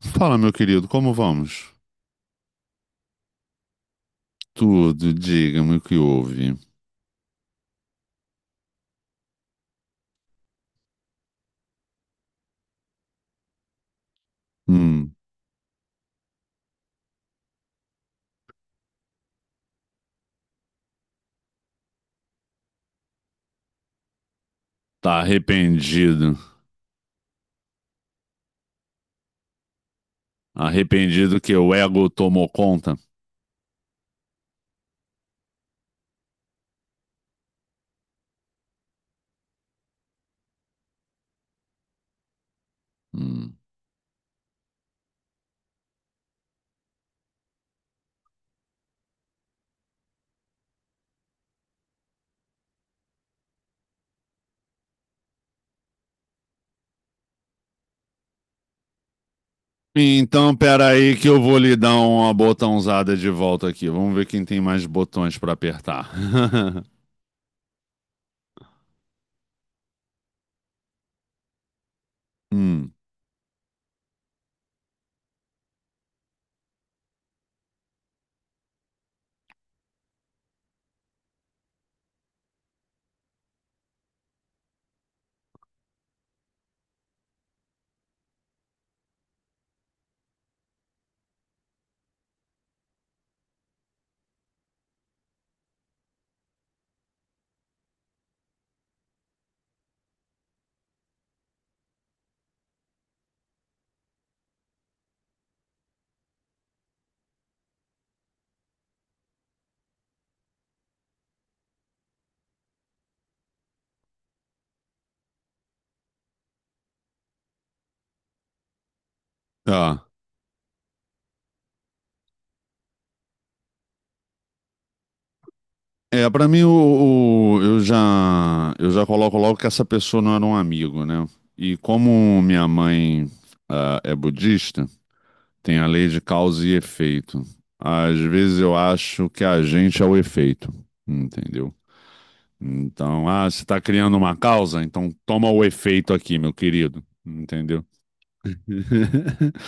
Fala, meu querido, como vamos? Tudo, diga-me o que houve. Hum, tá arrependido. Arrependido que o ego tomou conta? Hum. Então, peraí que eu vou lhe dar uma botãozada de volta aqui. Vamos ver quem tem mais botões pra apertar. Hum, tá. É, pra mim, eu já coloco logo que essa pessoa não era um amigo, né? E como minha mãe, ah, é budista, tem a lei de causa e efeito. Às vezes eu acho que a gente é o efeito, entendeu? Então, ah, você está criando uma causa, então toma o efeito aqui, meu querido, entendeu?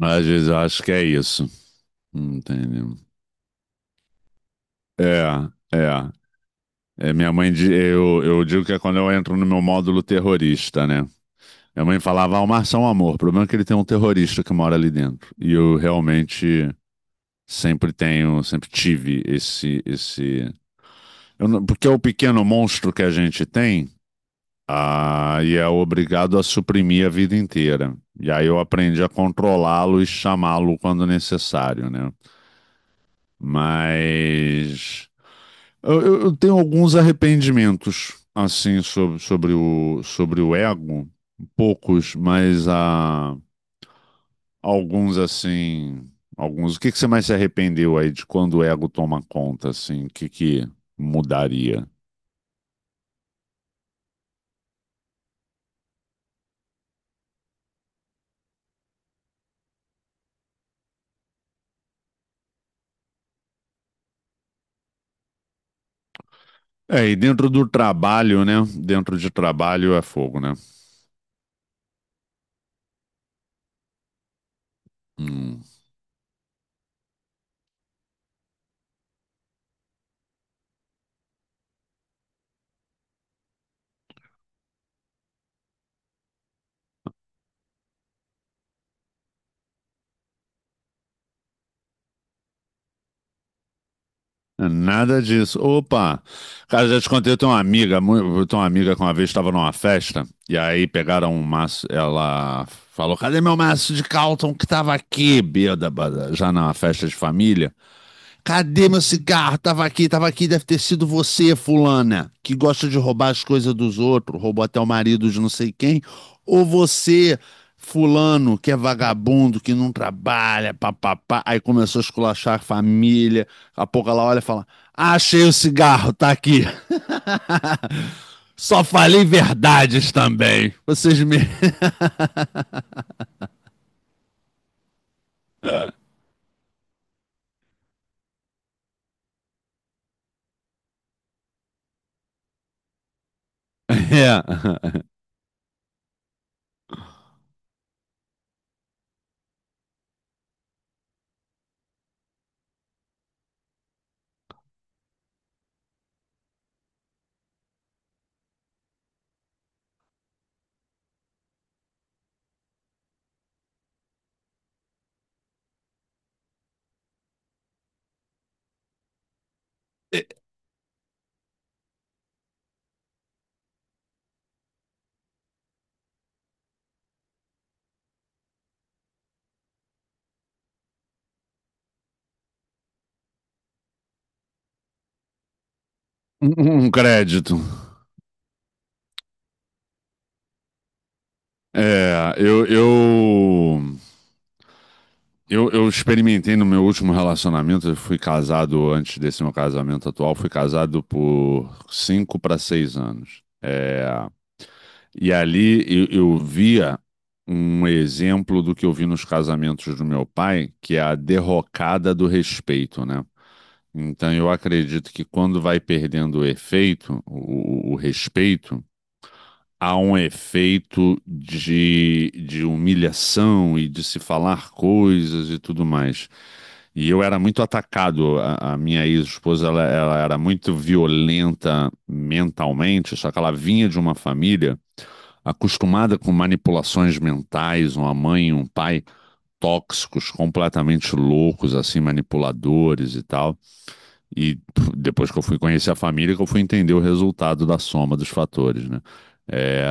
Às vezes eu acho que é isso, entendeu? É, é. É, minha mãe, eu digo que é quando eu entro no meu módulo terrorista, né? Minha mãe falava, ah, o Março é um amor. O problema é que ele tem um terrorista que mora ali dentro. E eu realmente sempre tenho, sempre tive esse, esse. Eu não- porque é o pequeno monstro que a gente tem, ah, e é obrigado a suprimir a vida inteira. E aí eu aprendi a controlá-lo e chamá-lo quando necessário, né? Mas eu tenho alguns arrependimentos, assim, sobre, sobre o, sobre o ego, poucos, mas a alguns assim, alguns. O que que você mais se arrependeu aí de quando o ego toma conta, assim? O que que mudaria? É, e dentro do trabalho, né? Dentro de trabalho é fogo, né? Hum. É nada disso. Opa! Cara, já te contei, eu tenho uma amiga, eu tenho uma amiga que uma vez estava numa festa, e aí pegaram um maço, ela falou, cadê meu maço de Calton que tava aqui, bêbada, já numa festa de família? Cadê meu cigarro? Tava aqui, tava aqui. Deve ter sido você, fulana, que gosta de roubar as coisas dos outros, roubou até o marido de não sei quem. Ou você, fulano, que é vagabundo, que não trabalha, papapá. Aí começou a esculachar a família. Daqui a pouco ela olha e fala: ah, achei o cigarro, tá aqui. Só falei verdades também. Vocês me. É. Um um um crédito. Eu, eu experimentei no meu último relacionamento, eu fui casado antes desse meu casamento atual, fui casado por cinco para seis anos. É, e ali eu via um exemplo do que eu vi nos casamentos do meu pai, que é a derrocada do respeito, né? Então eu acredito que quando vai perdendo o efeito, o respeito, há um efeito de humilhação e de se falar coisas e tudo mais. E eu era muito atacado. A minha ex-esposa, ela era muito violenta mentalmente, só que ela vinha de uma família acostumada com manipulações mentais, uma mãe e um pai tóxicos, completamente loucos, assim, manipuladores e tal. E pff, depois que eu fui conhecer a família, que eu fui entender o resultado da soma dos fatores, né? É,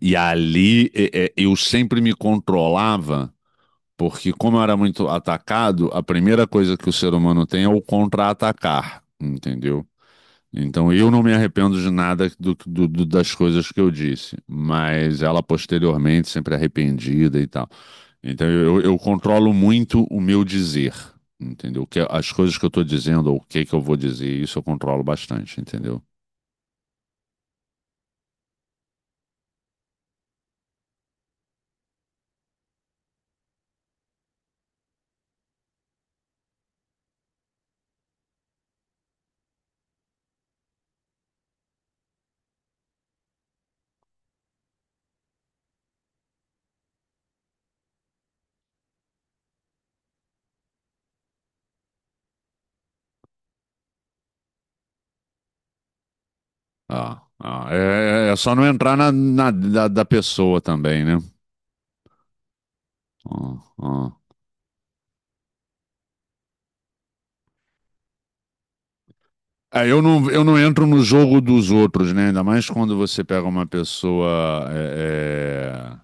e ali é, é, eu sempre me controlava, porque como eu era muito atacado, a primeira coisa que o ser humano tem é o contra-atacar, entendeu? Então eu não me arrependo de nada das coisas que eu disse, mas ela posteriormente sempre arrependida e tal. Então eu controlo muito o meu dizer, entendeu? Que as coisas que eu estou dizendo ou o que que eu vou dizer, isso eu controlo bastante, entendeu? Ah, ah, é, é é só não entrar na, da pessoa também, né? Ah, ah. É, eu não entro no jogo dos outros, né? Ainda mais quando você pega uma pessoa é,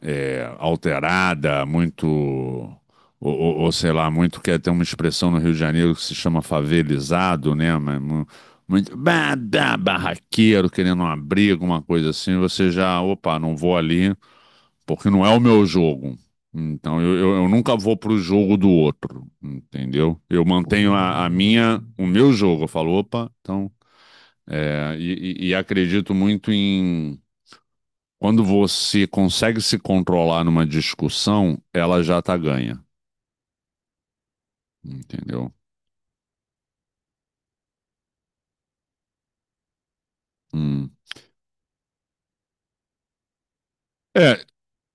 é, é, alterada, muito, ou, ou sei lá, muito que tem uma expressão no Rio de Janeiro que se chama favelizado, né? Mas mu- muito barraqueiro, querendo uma briga, uma coisa assim. Você já, opa, não vou ali. Porque não é o meu jogo. Então eu nunca vou pro jogo do outro, entendeu? Eu mantenho a minha, o meu jogo. Eu falo, opa, então. É, e, e acredito muito em quando você consegue se controlar numa discussão, ela já tá ganha, entendeu? Hum. É,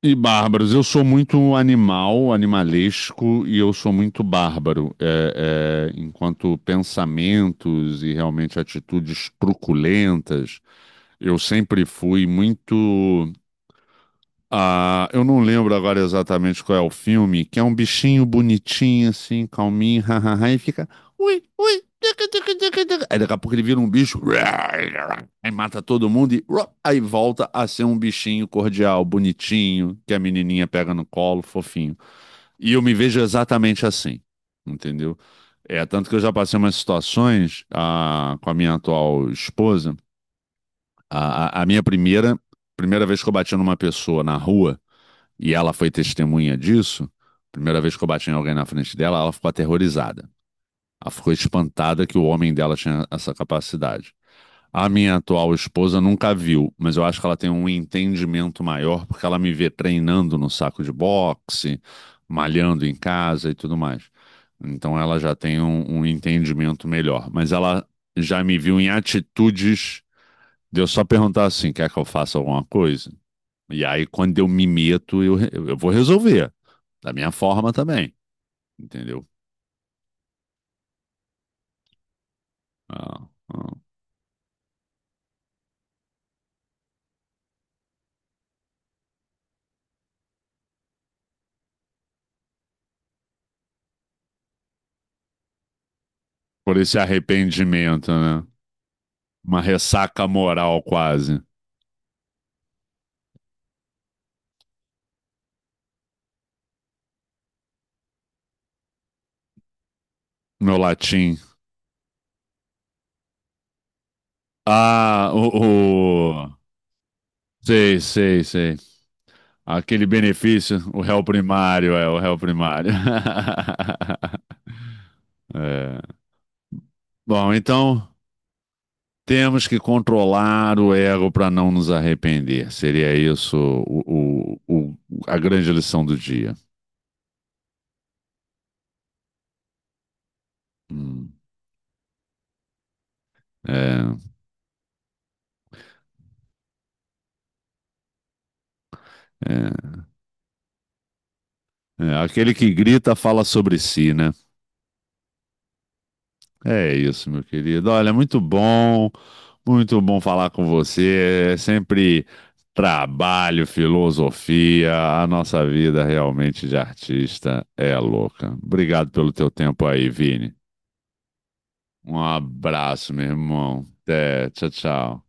e bárbaros, eu sou muito animal, animalesco, e eu sou muito bárbaro, é, é, enquanto pensamentos e realmente atitudes truculentas eu sempre fui muito. Ah, eu não lembro agora exatamente qual é o filme, que é um bichinho bonitinho, assim, calminho, hahaha, e fica. Ui, ui, tica, tica, tica, tica. Aí daqui a pouco ele vira um bicho, aí mata todo mundo e aí volta a ser um bichinho cordial, bonitinho, que a menininha pega no colo, fofinho. E eu me vejo exatamente assim, entendeu? É, tanto que eu já passei umas situações ah, com a minha atual esposa a primeira vez que eu bati numa pessoa na rua, e ela foi testemunha disso, primeira vez que eu bati em alguém na frente dela, ela ficou aterrorizada. Ela ficou espantada que o homem dela tinha essa capacidade. A minha atual esposa nunca viu, mas eu acho que ela tem um entendimento maior porque ela me vê treinando no saco de boxe, malhando em casa e tudo mais. Então ela já tem um entendimento melhor, mas ela já me viu em atitudes de eu só perguntar assim, quer que eu faça alguma coisa? E aí, quando eu me meto, eu vou resolver. Da minha forma também, entendeu? Ah, ah. Por esse arrependimento, né? Uma ressaca moral quase. Meu latim. Ah, o... Sei, sei, sei. Aquele benefício, o réu primário, é o réu primário. É. Bom, então temos que controlar o ego para não nos arrepender. Seria isso o, o- o- a grande lição do dia. Hum. É, é, é. Aquele que grita fala sobre si, né? É isso, meu querido. Olha, muito bom falar com você. É sempre trabalho, filosofia. A nossa vida realmente de artista é louca. Obrigado pelo teu tempo aí, Vini. Um abraço, meu irmão. Até, tchau, tchau.